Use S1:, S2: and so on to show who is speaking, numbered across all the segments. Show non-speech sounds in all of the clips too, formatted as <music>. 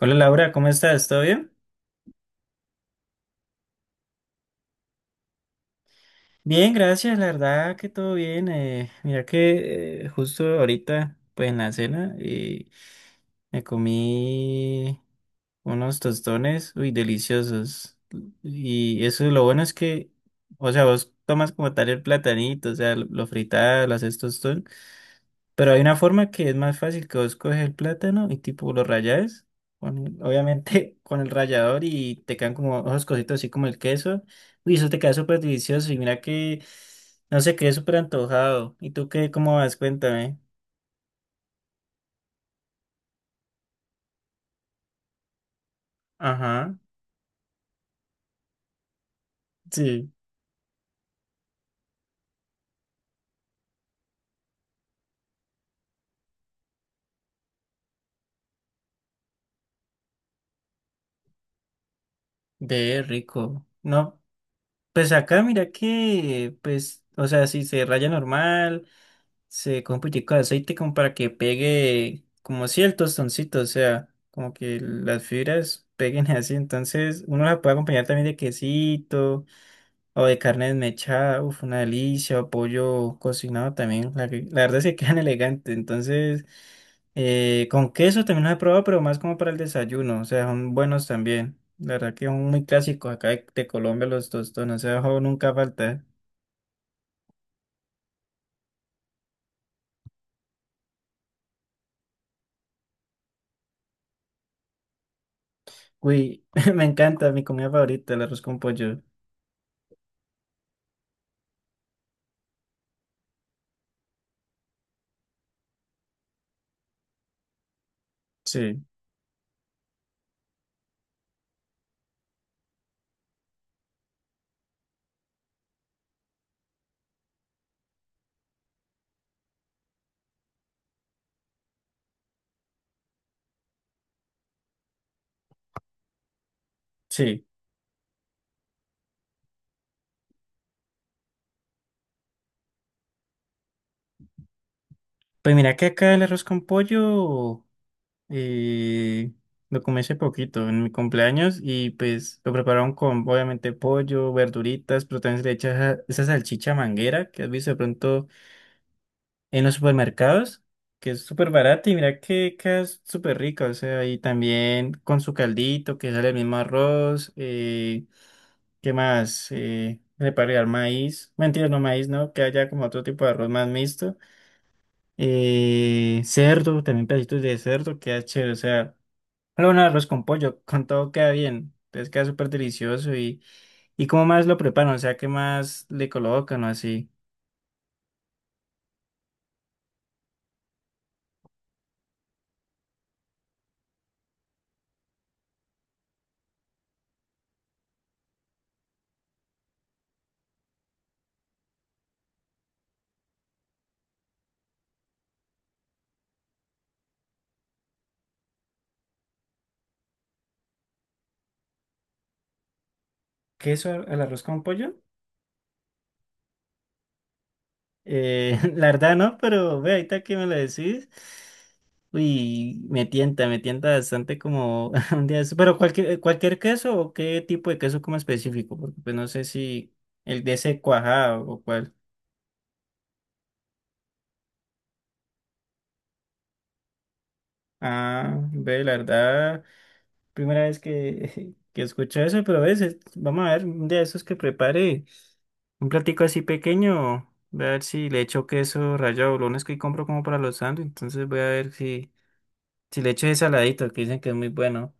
S1: Hola Laura, ¿cómo estás? ¿Todo bien? Bien, gracias, la verdad que todo bien. Mira que justo ahorita, pues en la cena, me comí unos tostones, uy, deliciosos. Y eso lo bueno es que, o sea, vos tomas como tal el platanito, o sea, lo fritas, lo haces tostón. Pero hay una forma que es más fácil que vos coges el plátano y tipo lo rayas, obviamente <laughs> con el rallador y te quedan como esos cositos así como el queso. Uy, eso te queda súper delicioso y mira que, no sé, quedé súper antojado. ¿Y tú qué, cómo vas? Cuéntame. Ajá, sí, ve rico. No, pues acá mira que, pues, o sea, si se raya normal. Se coge un poquitico de aceite como para que pegue, como si el tostoncito, o sea, como que las fibras peguen <laughs> así. Entonces, uno la puede acompañar también de quesito o de carne desmechada, uff, una delicia, o pollo cocinado también. La verdad es que quedan <laughs> elegantes. Entonces, con queso también los he probado, pero más como para el desayuno, o sea, son buenos también. La verdad que son muy clásicos acá de Colombia los tostones, o sea, ojo, nunca falta. Uy, <laughs> me encanta mi comida favorita, el arroz con pollo. Sí, sí. Pues mira que acá el arroz con pollo eh, lo comí hace poquito en mi cumpleaños y pues lo prepararon con obviamente pollo, verduritas, pero también se le echa esa salchicha manguera que has visto de pronto en los supermercados, que es súper barata y mira que es súper rica, o sea, y también con su caldito que sale el mismo arroz, ¿qué más? Le puede agregar maíz, mentira, no maíz, ¿no? Que haya como otro tipo de arroz más mixto. Cerdo, también pedacitos de cerdo, queda chévere. O sea, luego un arroz con pollo, con todo queda bien. Entonces queda súper delicioso. ¿Y cómo más lo preparan? O sea, ¿qué más le colocan o así? ¿Queso al arroz con pollo? <laughs> La verdad no, pero ve, ahorita que me lo decís. Uy, me tienta bastante como <laughs> un día de esto. Pero cualquier queso o qué tipo de queso como específico, porque pues no sé si el de ese cuajado o cuál. Ah, ve, la verdad. Primera vez que, <laughs> que escucho eso, pero a veces, vamos a ver, un día de esos que prepare un platico así pequeño, voy a ver si le echo queso rallado, lo único es que compro como para los sándwiches, entonces voy a ver si, si le echo ese saladito, que dicen que es muy bueno.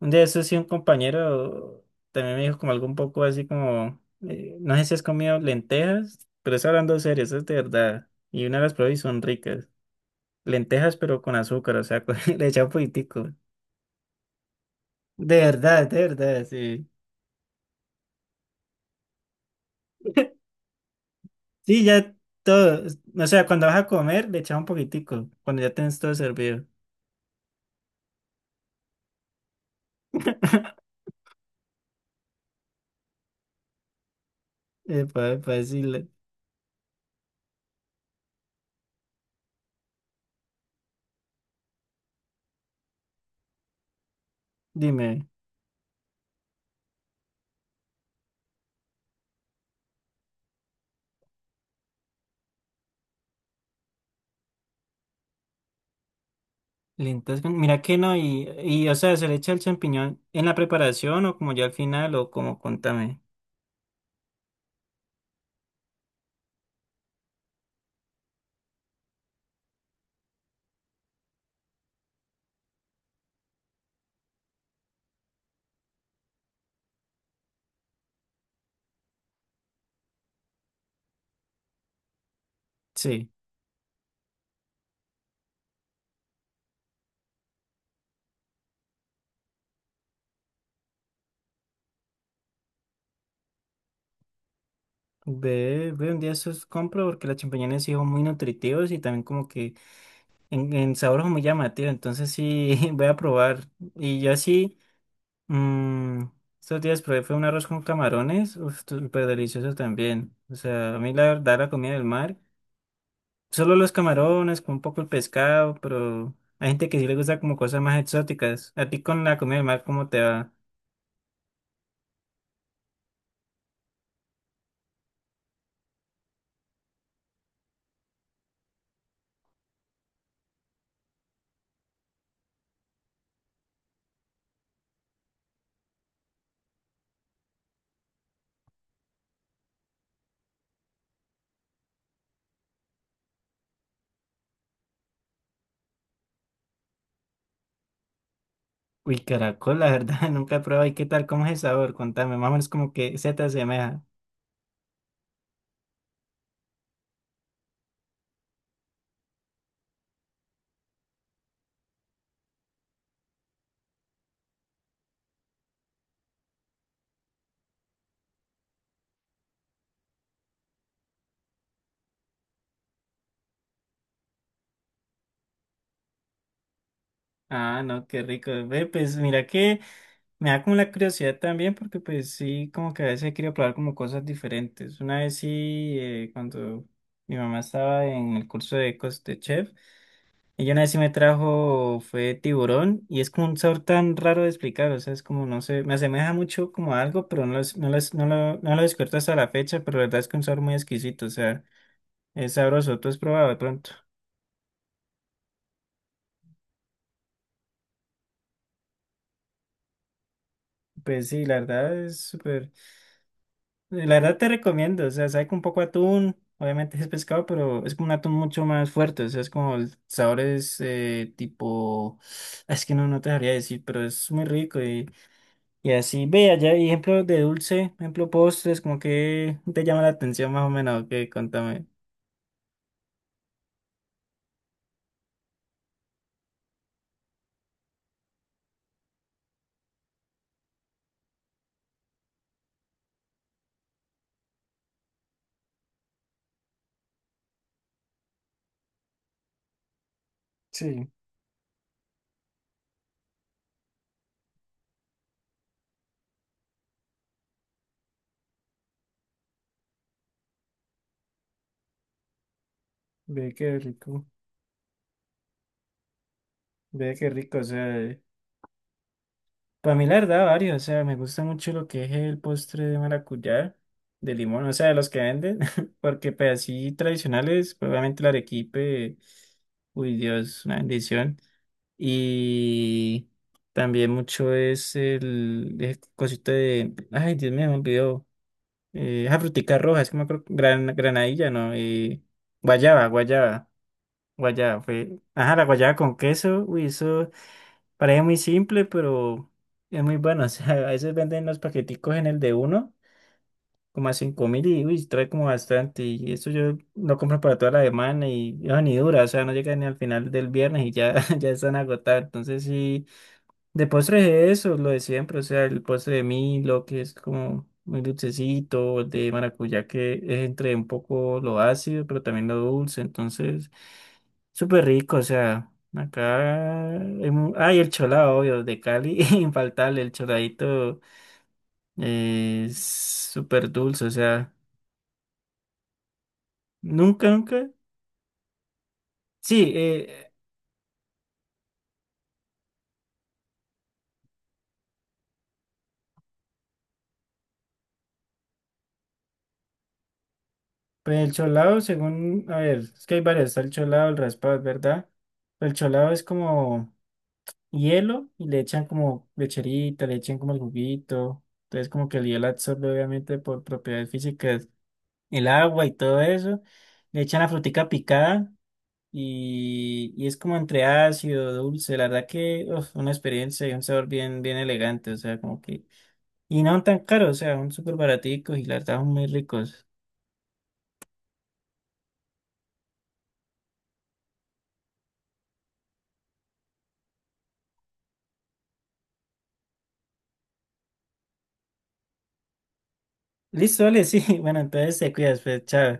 S1: Un día de esos sí un compañero también me dijo como algo un poco así como, no sé si has comido lentejas, pero es hablando serio, eso es de verdad, y una las probé y son ricas, lentejas pero con azúcar, o sea, <laughs> le echan un poquitico, de verdad, sí. Sí, ya todo. O sea, cuando vas a comer, le echas un poquitico. Cuando ya tienes todo servido. <laughs> Epa, epa, sí, le- Dime. Lentas con- Mira que no, y o sea, ¿se le echa el champiñón en la preparación o como ya al final o como contame? Sí. Ve, ve un día esos compro porque los champiñones sí son muy nutritivos y también como que en sabor son muy llamativos. Entonces sí, <laughs> voy a probar. Y yo así. Mm, estos días probé fue un arroz con camarones, uf, súper delicioso también. O sea, a mí la verdad la comida del mar, solo los camarones, con un poco el pescado, pero hay gente que sí le gusta como cosas más exóticas. ¿A ti con la comida del mar cómo te va? Uy, caracol, la verdad, <laughs> nunca he probado. ¿Y qué tal? ¿Cómo es el sabor? Contame, más o menos como que se te asemeja. Ah, no, qué rico. Ve, pues mira que me da como la curiosidad también, porque pues sí, como que a veces he querido probar como cosas diferentes. Una vez sí, cuando mi mamá estaba en el curso de, de chef, ella una vez sí me trajo, fue tiburón, y es como un sabor tan raro de explicar, o sea, es como, no sé, me asemeja mucho como a algo, pero no, no, no, lo, no lo descubierto hasta la fecha, pero la verdad es que un sabor muy exquisito, o sea, es sabroso, tú has probado de pronto. Pues sí, la verdad es súper. La verdad te recomiendo, o sea, sabe con un poco de atún, obviamente es pescado, pero es como un atún mucho más fuerte, o sea, es como el sabor es tipo, es que no, no te sabría decir, pero es muy rico y así, ve, allá hay ejemplos de dulce, ejemplo postres, como que te llama la atención más o menos, que contame. Sí, ve qué rico, ve qué rico, o sea. Para mí, la verdad, varios. O sea, me gusta mucho lo que es el postre de maracuyá, de limón, o sea, de los que venden, <laughs> porque pues así tradicionales, pues, obviamente el arequipe, uy Dios, una bendición. Y también mucho es el cosito de, ay Dios mío, me olvidó, esa frutica roja, es que me acuerdo, granadilla, ¿no? Guayaba, guayaba fue, ajá, la guayaba con queso, uy, eso. Parece muy simple, pero es muy bueno. <laughs> O sea, a veces venden los paqueticos en el de uno, como a 5000 y uy, trae como bastante. Y eso yo lo compro para toda la semana y eso ni dura. O sea, no llega ni al final del viernes y ya, <laughs> ya están agotados. Entonces sí, de postres es eso, lo de siempre, o sea, el postre de Milo, que es como muy dulcecito, el de maracuyá, que es entre un poco lo ácido, pero también lo dulce, entonces, súper rico, o sea, acá, hay mu- ah, y el cholado, obvio, de Cali, <laughs> infaltable, el choladito es súper dulce, o sea, nunca, nunca, sí, pues el cholado, según, a ver, es que hay varios, está el cholado, el raspado, es ¿verdad? El cholado es como... hielo y le echan como lecherita, le echan como el juguito. Entonces como que el hielo absorbe obviamente por propiedades físicas el agua y todo eso. Le echan la frutica picada y es como entre ácido, dulce. La verdad que uf, una experiencia y un sabor bien, bien elegante. O sea, como que... Y no tan caro, o sea, son súper baraticos y la verdad son muy ricos. Listo, vale, sí. <laughs> Bueno, entonces te cuidas, pues, chao.